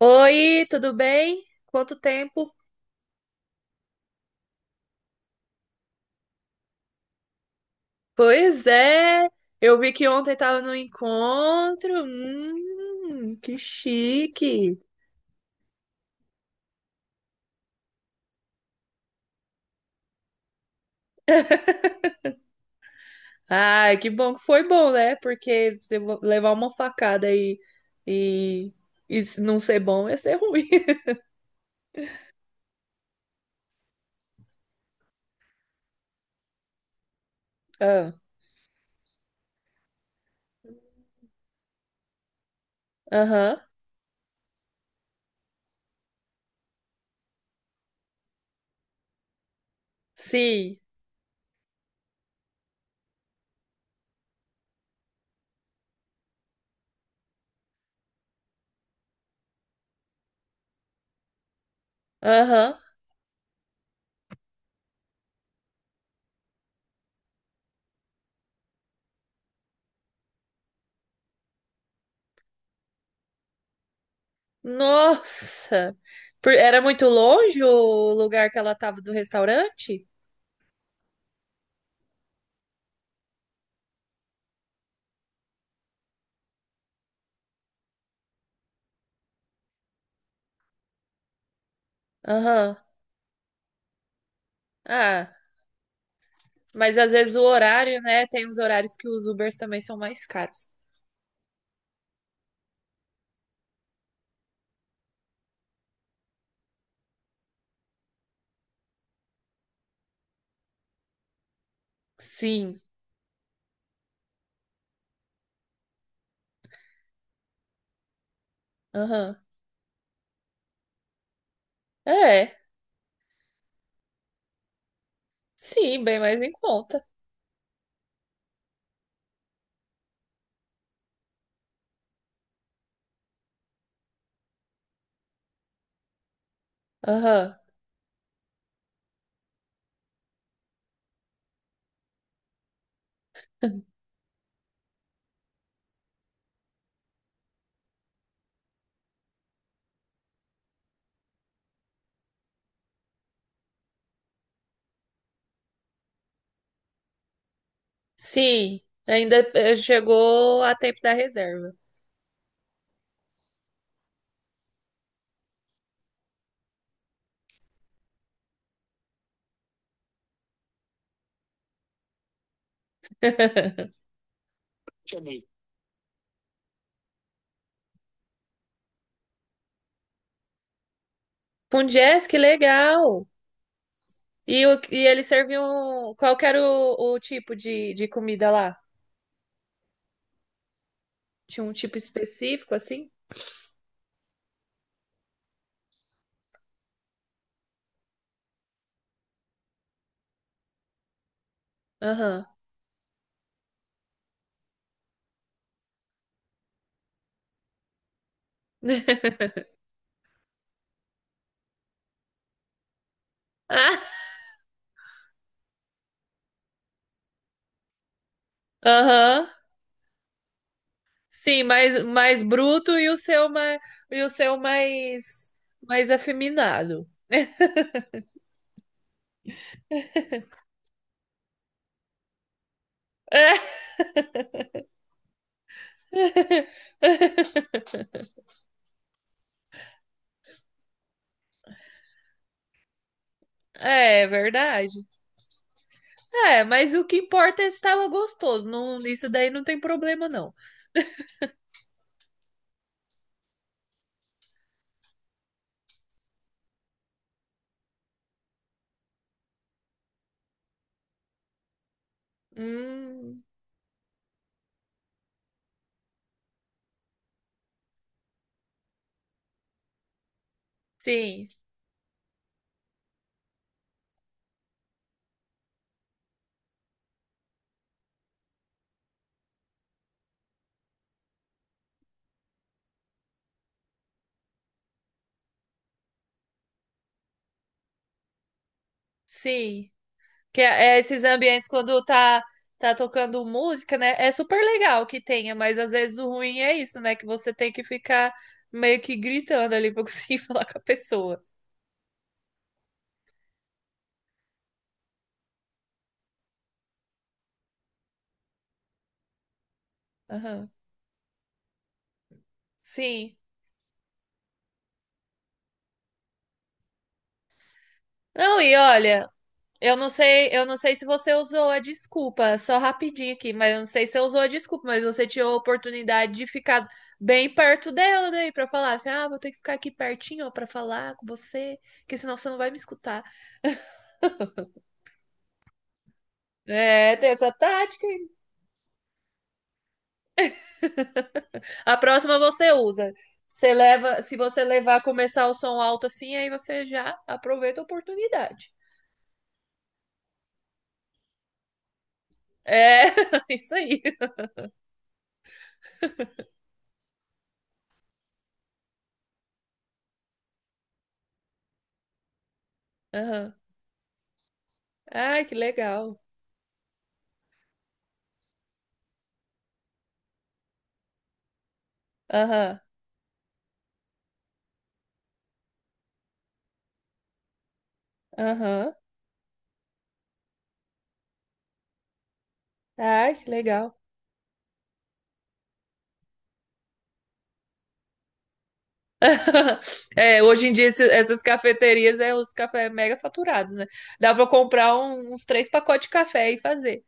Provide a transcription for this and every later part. Oi, tudo bem? Quanto tempo? Pois é, eu vi que ontem estava no encontro. Que chique. Ai, que bom que foi bom, né? Porque se eu levar uma facada e, e se não ser bom ia ser ruim. Ah, aham, sim, aham. Nossa, era muito longe o lugar que ela estava do restaurante? Aham. Ah. Mas às vezes o horário, né? Tem os horários que os Ubers também são mais caros. Sim. Aham. É. Sim, bem mais em conta. Aham. Sim. Ainda chegou a tempo da reserva. Com jazz, que legal. E eles serviam. Qual que era o tipo de comida lá? Tinha um tipo específico, assim? Aham. Ah, aham. Sim, mais bruto e o seu mais, e o seu mais, mais afeminado. É, é verdade. É, mas o que importa é se tava gostoso. Não, isso daí não tem problema, não. Hum, sim, sim. Que é esses ambientes quando tá tocando música, né? É super legal que tenha, mas às vezes o ruim é isso, né? Que você tem que ficar meio que gritando ali pra conseguir falar com a pessoa. Aham. Sim. Não, e olha, eu não sei, se você usou a desculpa, só rapidinho aqui, mas eu não sei se você usou a desculpa, mas você tinha a oportunidade de ficar bem perto dela daí pra falar assim: "Ah, vou ter que ficar aqui pertinho ó, pra falar com você, porque senão você não vai me escutar". É, tem essa tática. Aí. A próxima você usa. Você leva, se você levar começar o som alto assim, aí você já aproveita a oportunidade. É, isso aí. Aham. Ai, que legal. Aham. Aham. Ai, que legal. É, hoje em dia essas cafeterias é os cafés mega faturados, né? Dá pra comprar uns três pacotes de café e fazer.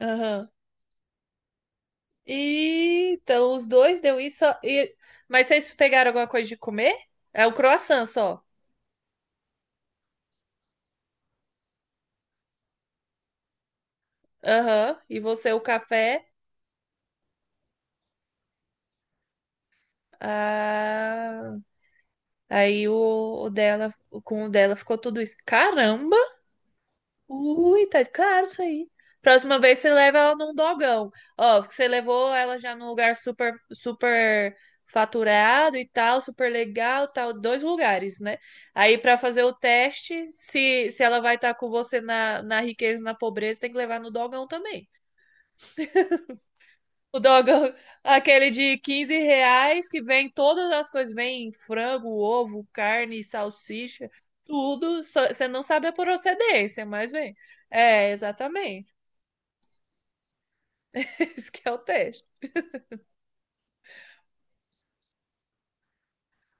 Aham. E, então, os dois deu isso. E... Mas vocês pegaram alguma coisa de comer? É o croissant só. Aham. E você o café. Ah, aí o, o dela, com o dela ficou tudo isso. Caramba! Ui, tá caro isso aí. Próxima vez você leva ela num dogão. Ó, porque você levou ela já num lugar super, super faturado e tal, super legal, tal, dois lugares, né? Aí pra fazer o teste, se ela vai estar com você na riqueza, e na pobreza, tem que levar no dogão também. O dogão, aquele de 15 reais, que vem todas as coisas, vem frango, ovo, carne, salsicha, tudo. Você não sabe a procedência, mas vem. É, exatamente. Isso que é o teste.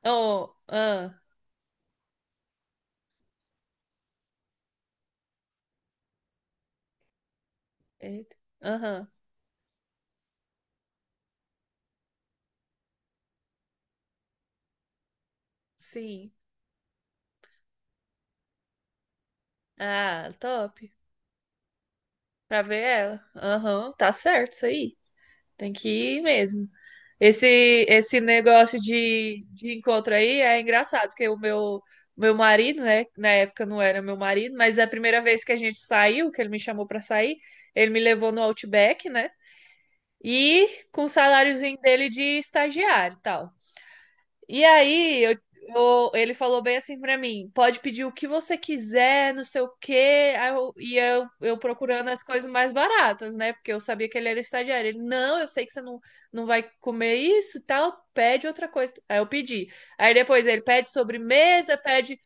Oh, ah, eita, aham, sim. Ah, top. Pra ver ela. Aham, tá certo isso aí. Tem que ir mesmo. Esse negócio de encontro aí é engraçado, porque meu marido, né, na época não era meu marido, mas a primeira vez que a gente saiu, que ele me chamou pra sair, ele me levou no Outback, né? E com o saláriozinho dele de estagiário e tal. E aí, ele falou bem assim pra mim: pode pedir o que você quiser, não sei o quê. Aí eu, e eu, eu procurando as coisas mais baratas, né? Porque eu sabia que ele era estagiário. Ele: não, eu sei que você não, não vai comer isso e tal, pede outra coisa. Aí eu pedi. Aí depois ele pede sobremesa,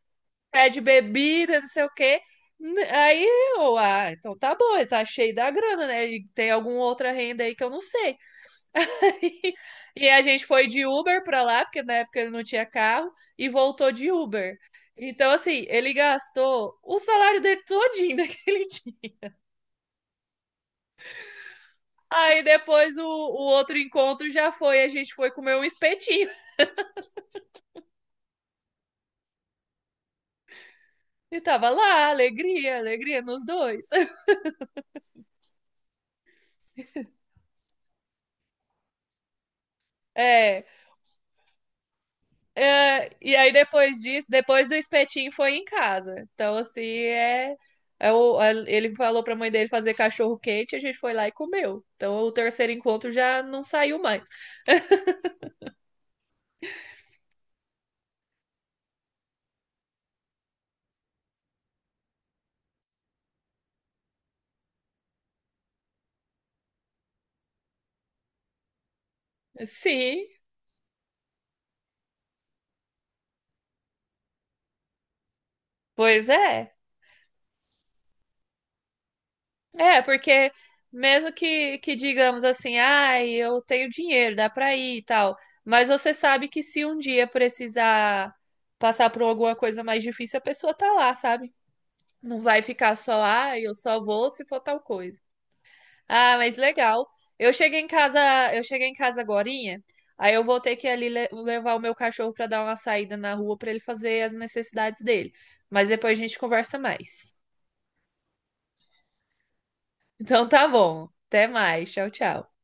pede bebida, não sei o quê. Aí eu, ah, então tá bom, ele tá cheio da grana, né? E tem alguma outra renda aí que eu não sei. E a gente foi de Uber pra lá, porque na época ele não tinha carro, e voltou de Uber. Então, assim, ele gastou o salário dele todinho naquele dia. Aí depois o outro encontro já foi, a gente foi comer um espetinho. E tava lá, alegria, alegria nos dois. É, é, e aí depois disso, depois do espetinho foi em casa. Então, assim, é ele falou pra mãe dele fazer cachorro quente, a gente foi lá e comeu. Então, o terceiro encontro já não saiu mais. Sim, pois é. É, porque mesmo que digamos assim, ai, eu tenho dinheiro, dá pra ir e tal, mas você sabe que se um dia precisar passar por alguma coisa mais difícil, a pessoa tá lá, sabe? Não vai ficar só, ai, eu só vou se for tal coisa. Ah, mas legal. Eu cheguei em casa, eu cheguei em casa agorinha, aí eu vou ter que ir ali levar o meu cachorro pra dar uma saída na rua pra ele fazer as necessidades dele. Mas depois a gente conversa mais. Então tá bom. Até mais. Tchau, tchau.